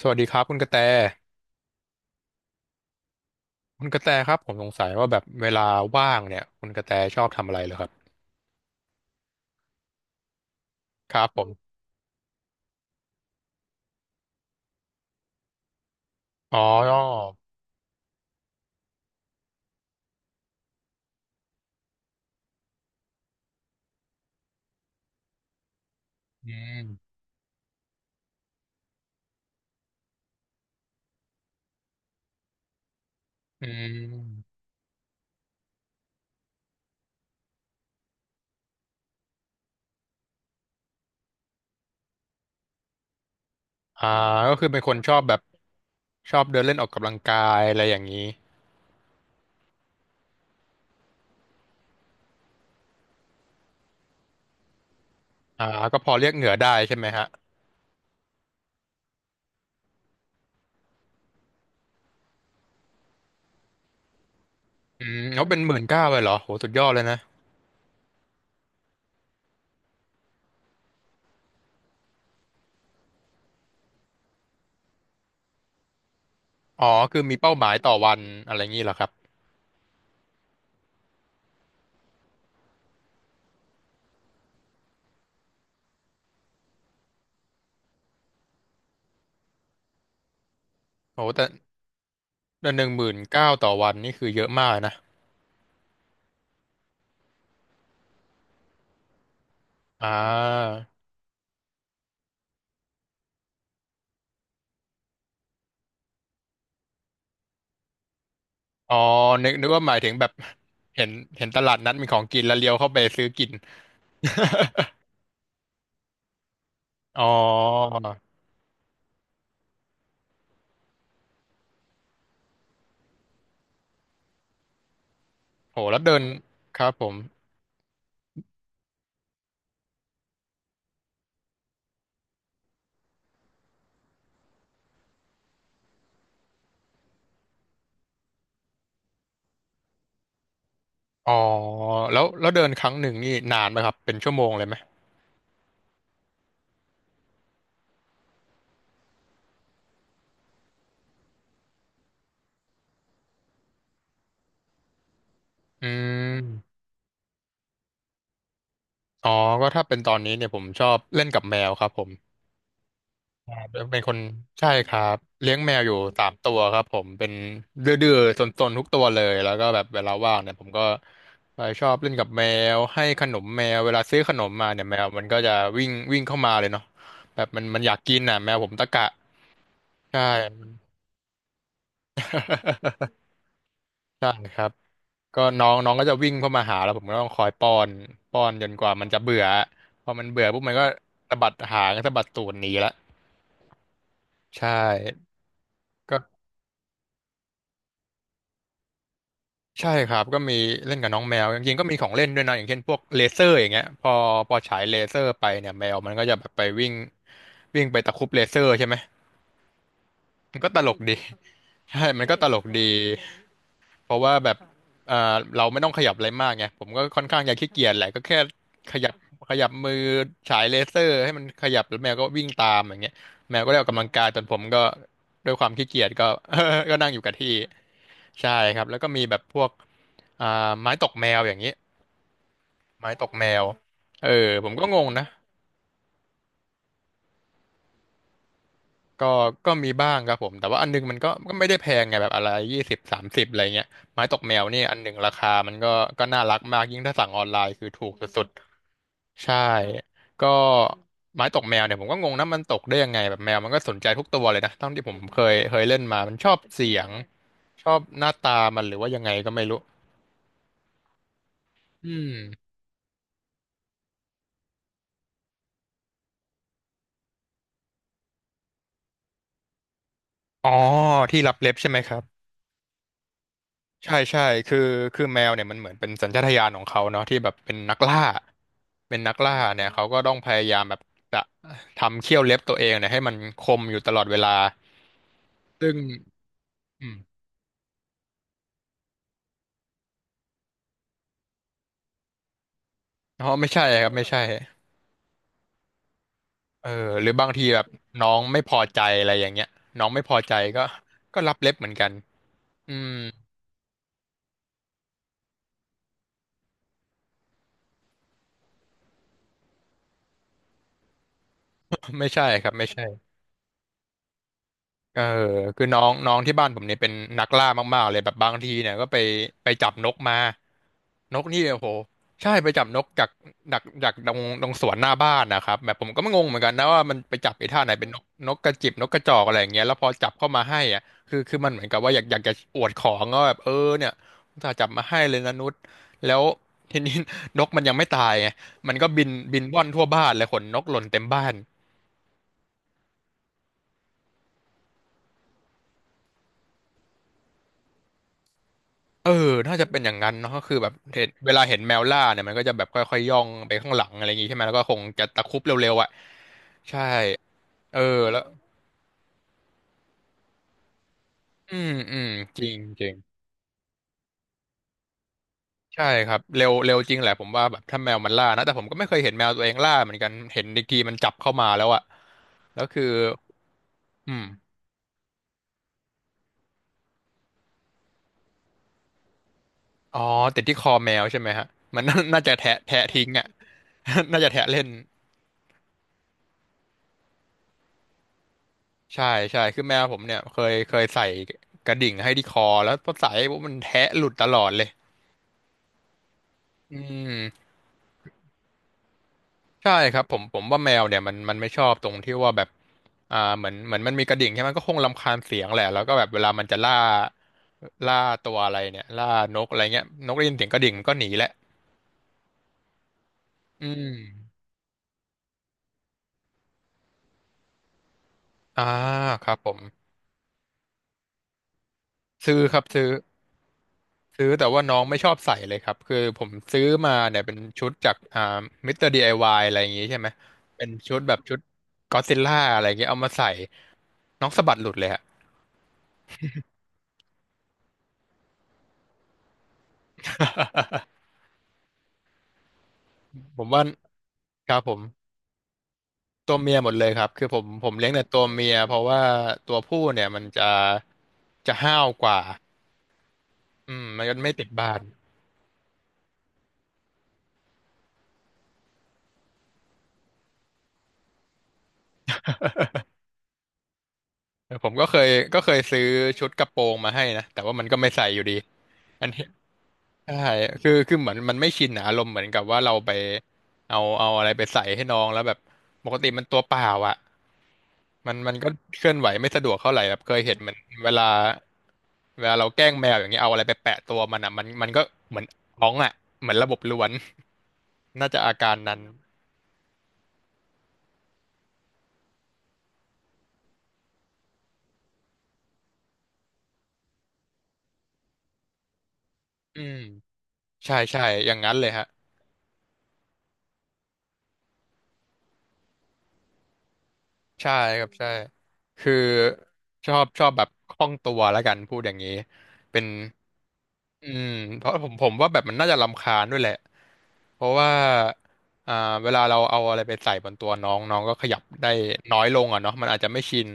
สวัสดีครับคุณกระแตคุณกระแตครับผมสงสัยว่าแบบเวลาว่างเนี่ยคุณกระแตชอบทำอะไรเหรอครับ ครับผมอ๋ออืมอืมอ่าก็คือเป็นคนชอบแบบชอบเดินเล่นออกกำลังกายอะไรอย่างนี้อ่าก็พอเรียกเหงื่อได้ใช่ไหมฮะอืมเขาเป็นหมื่นเก้าเลยเหรอโหสุดยอดเลยนะอ๋อคือมีเป้าหมายต่อวันอะไรอย่างนี้เหรอครับโหแต่แต่19,000ต่อวันนี่คือเยอะมากนะอ่า อ๋อนึกว่าหมายถึงแบบเห็นเห็นตลาดนัดมีของกินแล้วเลี้ยวเข้าไปซื้อกิน อ๋อ โห แล้วเดินครับผม อ๋อแล้วเดินครั้งหนึ่งนี่นานไหมครับ เป็นชั่วโมงเลยไหมอืมอ๋อ ก็ถ้าเป็นตอนนี้เนี่ยผมชอบเล่นกับแมวครับผม เป็นคนใช่ครับเลี้ยงแมวอยู่สามตัวครับผมเป็นดื้อๆซนๆทุกตัวเลยแล้วก็แบบเวลาว่างเนี่ยผมก็ไปชอบเล่นกับแมวให้ขนมแมวเวลาซื้อขนมมาเนี่ยแมวมันก็จะวิ่งวิ่งเข้ามาเลยเนาะแบบมันมันอยากกินน่ะแมวผมตะกะใช่ ใช่ครับก็น้องน้องก็จะวิ่งเข้ามาหาแล้วผมก็ต้องคอยป้อนจนกว่ามันจะเบื่อพอมันเบื่อปุ๊บมันก็สะบัดหางสะบัดตูดหนีละใช่ ใช่ครับก็มีเล่นกับน้องแมวจริงๆก็มีของเล่นด้วยนะอย่างเช่นพวกเลเซอร์อย่างเงี้ยพอฉายเลเซอร์ไปเนี่ยแมวมันก็จะแบบไปวิ่งวิ่งไปตะครุบเลเซอร์ใช่ไหม มันก็ตลกดี ใช่มันก็ตลกดีเพราะว่าแบบเอ่อเราไม่ต้องขยับอะไรมากไงผมก็ค่อนข้างจะขี้เกียจแหละก็แค่ขยับขยับมือฉายเลเซอร์ให้มันขยับแล้วแมวก็วิ่งตามอย่างเงี้ยแมวก็ได้ออกกำลังกายตอนผมก็ด้วยความขี้เกียจก็ ก็นั่งอยู่กับที่ใช่ครับแล้วก็มีแบบพวกอ่าไม้ตกแมวอย่างเงี้ยไม้ตกแมวเออผมก็งงนะ ก็ก็มีบ้างครับผมแต่ว่าอันนึงมันก็ไม่ได้แพงไงแบบอะไรยี่สิบสามสิบอะไรเงี้ยไม้ตกแมวนี่อันหนึ่งราคามันก็ก็น่ารักมากยิ่งถ้าสั่งออนไลน์คือถูกสุดๆใช่ก็ไม้ตกแมวเนี่ยผมก็งงนะมันตกได้ยังไงแบบแมวมันก็สนใจทุกตัวเลยนะตั้งที่ผมเคยเล่นมามันชอบเสียงชอบหน้าตามันหรือว่ายังไงก็ไม่รู้อืมอ๋อที่รับเล็บใช่ไหมครับ ใช่ใช่คือคือแมวเนี่ยมันเหมือนเป็นสัญชาตญาณของเขาเนาะที่แบบเป็นนักล่าเป็นนักล่าเนี่ยเขาก็ต้องพยายามแบบจะทำเขี้ยวเล็บตัวเองเนี่ยให้มันคมอยู่ตลอดเวลาซึ่งอืมอ๋อไม่ใช่ครับไม่ใช่เออหรือบางทีแบบน้องไม่พอใจอะไรอย่างเงี้ยน้องไม่พอใจก็ ก็รับเล็บเหมือนกัน อืมไม่ใช่ครับไม่ใช่ เออคือน้องน้องที่บ้านผมเนี่ยเป็นนักล่ามากๆเลยแบบบางทีเนี่ยก็ไปจับนกมานกนี่โอ้โหใช่ไปจับนกจากจากตรงสวนหน้าบ้านนะครับแบบผมก็ไม่งงเหมือนกันนะว่ามันไปจับไอ้ท่าไหนเป็นนกนกกระจิบนกกระจอกอะไรอย่างเงี้ยแล้วพอจับเข้ามาให้อ่ะคือมันเหมือนกับว่าอยากจะอวดของก็แบบเออเนี่ยอุตส่าห์จับมาให้เลยนะนุชแล้ว ทีนี้นกมันยังไม่ตายไงมันก็บินบินว่อนทั่วบ้านเลยขนนกหล่นเต็มบ้าน เออน่าจะเป็นอย่างนั้นเนาะก็คือแบบเห็นเวลาเห็นแมวล่าเนี่ยมันก็จะแบบค่อยๆย่องไปข้างหลังอะไรอย่างงี้ใช่ไหมแล้วก็คงจะตะครุบเร็วๆอ่ะใช่เออแล้วอืมอืมจริงจริงใช่ครับเร็วเร็วจริงแหละผมว่าแบบถ้าแมวมันล่านะแต่ผมก็ไม่เคยเห็นแมวตัวเองล่าเหมือนกันเห็นอีกทีมันจับเข้ามาแล้วอ่ะแล้วคืออืมอ๋อติดที่คอแมวใช่ไหมฮะมันน่าจะแทะแทะทิ้งอ่ะ น่าจะแทะเล่น ใช่ใช่คือแมวผมเนี่ยเคยใส่กระดิ่งให้ที่คอแล้วพอใส่ปุ๊บมันแทะหลุดตลอดเลยอืมใช่ครับผมว่าแมวเนี่ยมันไม่ชอบตรงที่ว่าแบบเหมือนมันมีกระดิ่งใช่ไหมก็คงรำคาญเสียงแหละแล้วก็แบบเวลามันจะล่าตัวอะไรเนี่ยล่านกอะไรเงี้ยนกได้ยินเสียงกระดิ่งมันก็หนีแหละอืมอ่าครับผมซื้อครับซื้อ ซื้อแต่ว่าน้องไม่ชอบใส่เลยครับคือผมซื้อมาเนี่ยเป็นชุดจากมิสเตอร์ดีไอวายอะไรอย่างงี้ใช่ไหมเป็นชุดแบบชุดก็อดซิลล่าอะไรอย่างเงี้ยเอามาใส่น้องสะบัดหลุดเลยฮะ ผมว่าครับผมตัวเมียหมดเลยครับคือผมเลี้ยงแต่ตัวเมียเพราะว่าตัวผู้เนี่ยมันจะห้าวกว่าอืมมันก็ไม่ติดบ้าน ผมก็เคยก็เคยซื้อชุดกระโปรงมาให้นะแต่ว่ามันก็ไม่ใส่อยู่ดีอันนี้ ใช่คือเหมือนมันไม่ชินนะอารมณ์เหมือนกับว่าเราไปเอาอะไรไปใส่ให้น้องแล้วแบบปกติมันตัวเปล่าอ่ะมันก็เคลื่อนไหวไม่สะดวกเท่าไหร่แบบเคยเห็นมันเวลาเวลาเราแกล้งแมวอย่างเงี้ยเอาอะไรไปแปะตัวมันอะมันก็เหมือนร้องอะเหมือนระบบล้วน น่าจะอาการนั้นอืมใช่ใช่ อย่างนั้นเลยฮะ ใช่ครับใช่คือชอบชอบแบบคล่องตัวแล้วกันพูดอย่างนี้เป็นอืมเพราะผมว่าแบบมันน่าจะรำคาญด้วยแหละเพราะว่าอ่าเวลาเราเอาอะไรไปใส่บนตัวน้องน้องก็ขยับได้น้อยลงอ่ะเนาะมันอาจจะไม่ชิน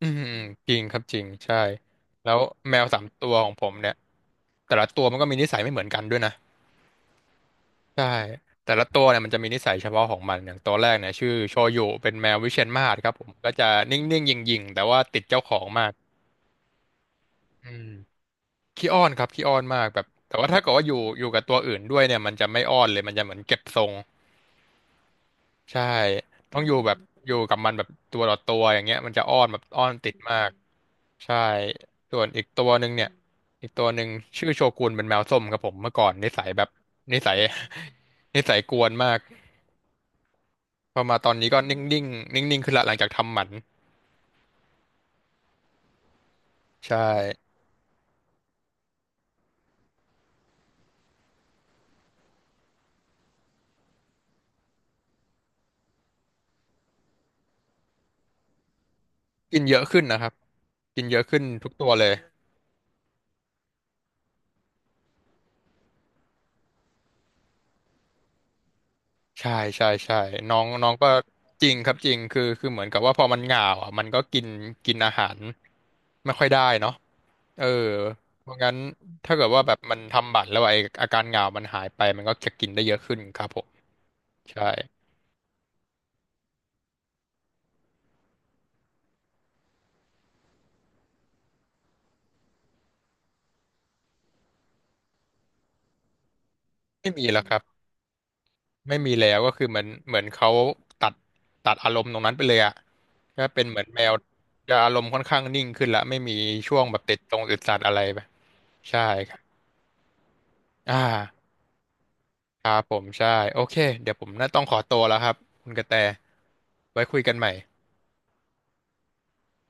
อืมอืมจริงครับจริงใช่แล้วแมวสามตัวของผมเนี่ยแต่ละตัวมันก็มีนิสัยไม่เหมือนกันด้วยนะ ใช่แต่ละตัวเนี่ยมันจะมีนิสัยเฉพาะของมันอย่างตัวแรกเนี่ยชื่อโชยุเป็นแมววิเชียรมาศครับผมก็จะนิ่งๆหยิ่งๆแต่ว่าติดเจ้าของมากอืมขี้อ้อนครับขี้อ้อนมากแบบแต่ว่าถ้าเกิดว่าอยู่กับตัวอื่นด้วยเนี่ยมันจะไม่อ้อนเลยมันจะเหมือนเก็บทรงใช่ต้องอยู่แบบอยู่กับมันแบบตัวต่อตัวอย่างเงี้ยมันจะอ้อนแบบอ้อนติดมากใช่ส่วนอีกตัวหนึ่งเนี่ยอีกตัวหนึ่งชื่อโชกุนเป็นแมวส้มครับผมเมื่อก่อนนิสัยแบบนิสัย นิสัยกวนมาก พอมาตอนนี้ก็นิ่งนิ่งๆขึ้นละหลังจากทำหมันใช่กินเยอะขึ้นนะครับ กินเยอะขึ้นทุกตัวเลยใช่ใช่ใช่น้องน้องก็จริงครับจริง คือเหมือนกับว่าพอมันเหงาอ่ะมันก็กินกินอาหารไม่ค่อยได้เนาะเออเพราะงั้นถ้าเกิดว่าแบบมันทำบัตรแล้วไออาการเหงามันหายไปมันก็จะกินได้เยอะขึ้นครับผมใช่ไม่มีแล้วครับ ไม่มีแล้วก็คือเหมือนเขาตัดตัดอารมณ์ตรงนั้นไปเลยอะก็เป็นเหมือนแมวจะอารมณ์ค่อนข้างนิ่งขึ้นละไม่มีช่วงแบบติดตรงติดสัตว์อะไรไปใช่ครับอ่าครับผมใช่โอเคเดี๋ยวผมน่าต้องขอตัวแล้วครับคุณกระแตไว้คุยกันใหม่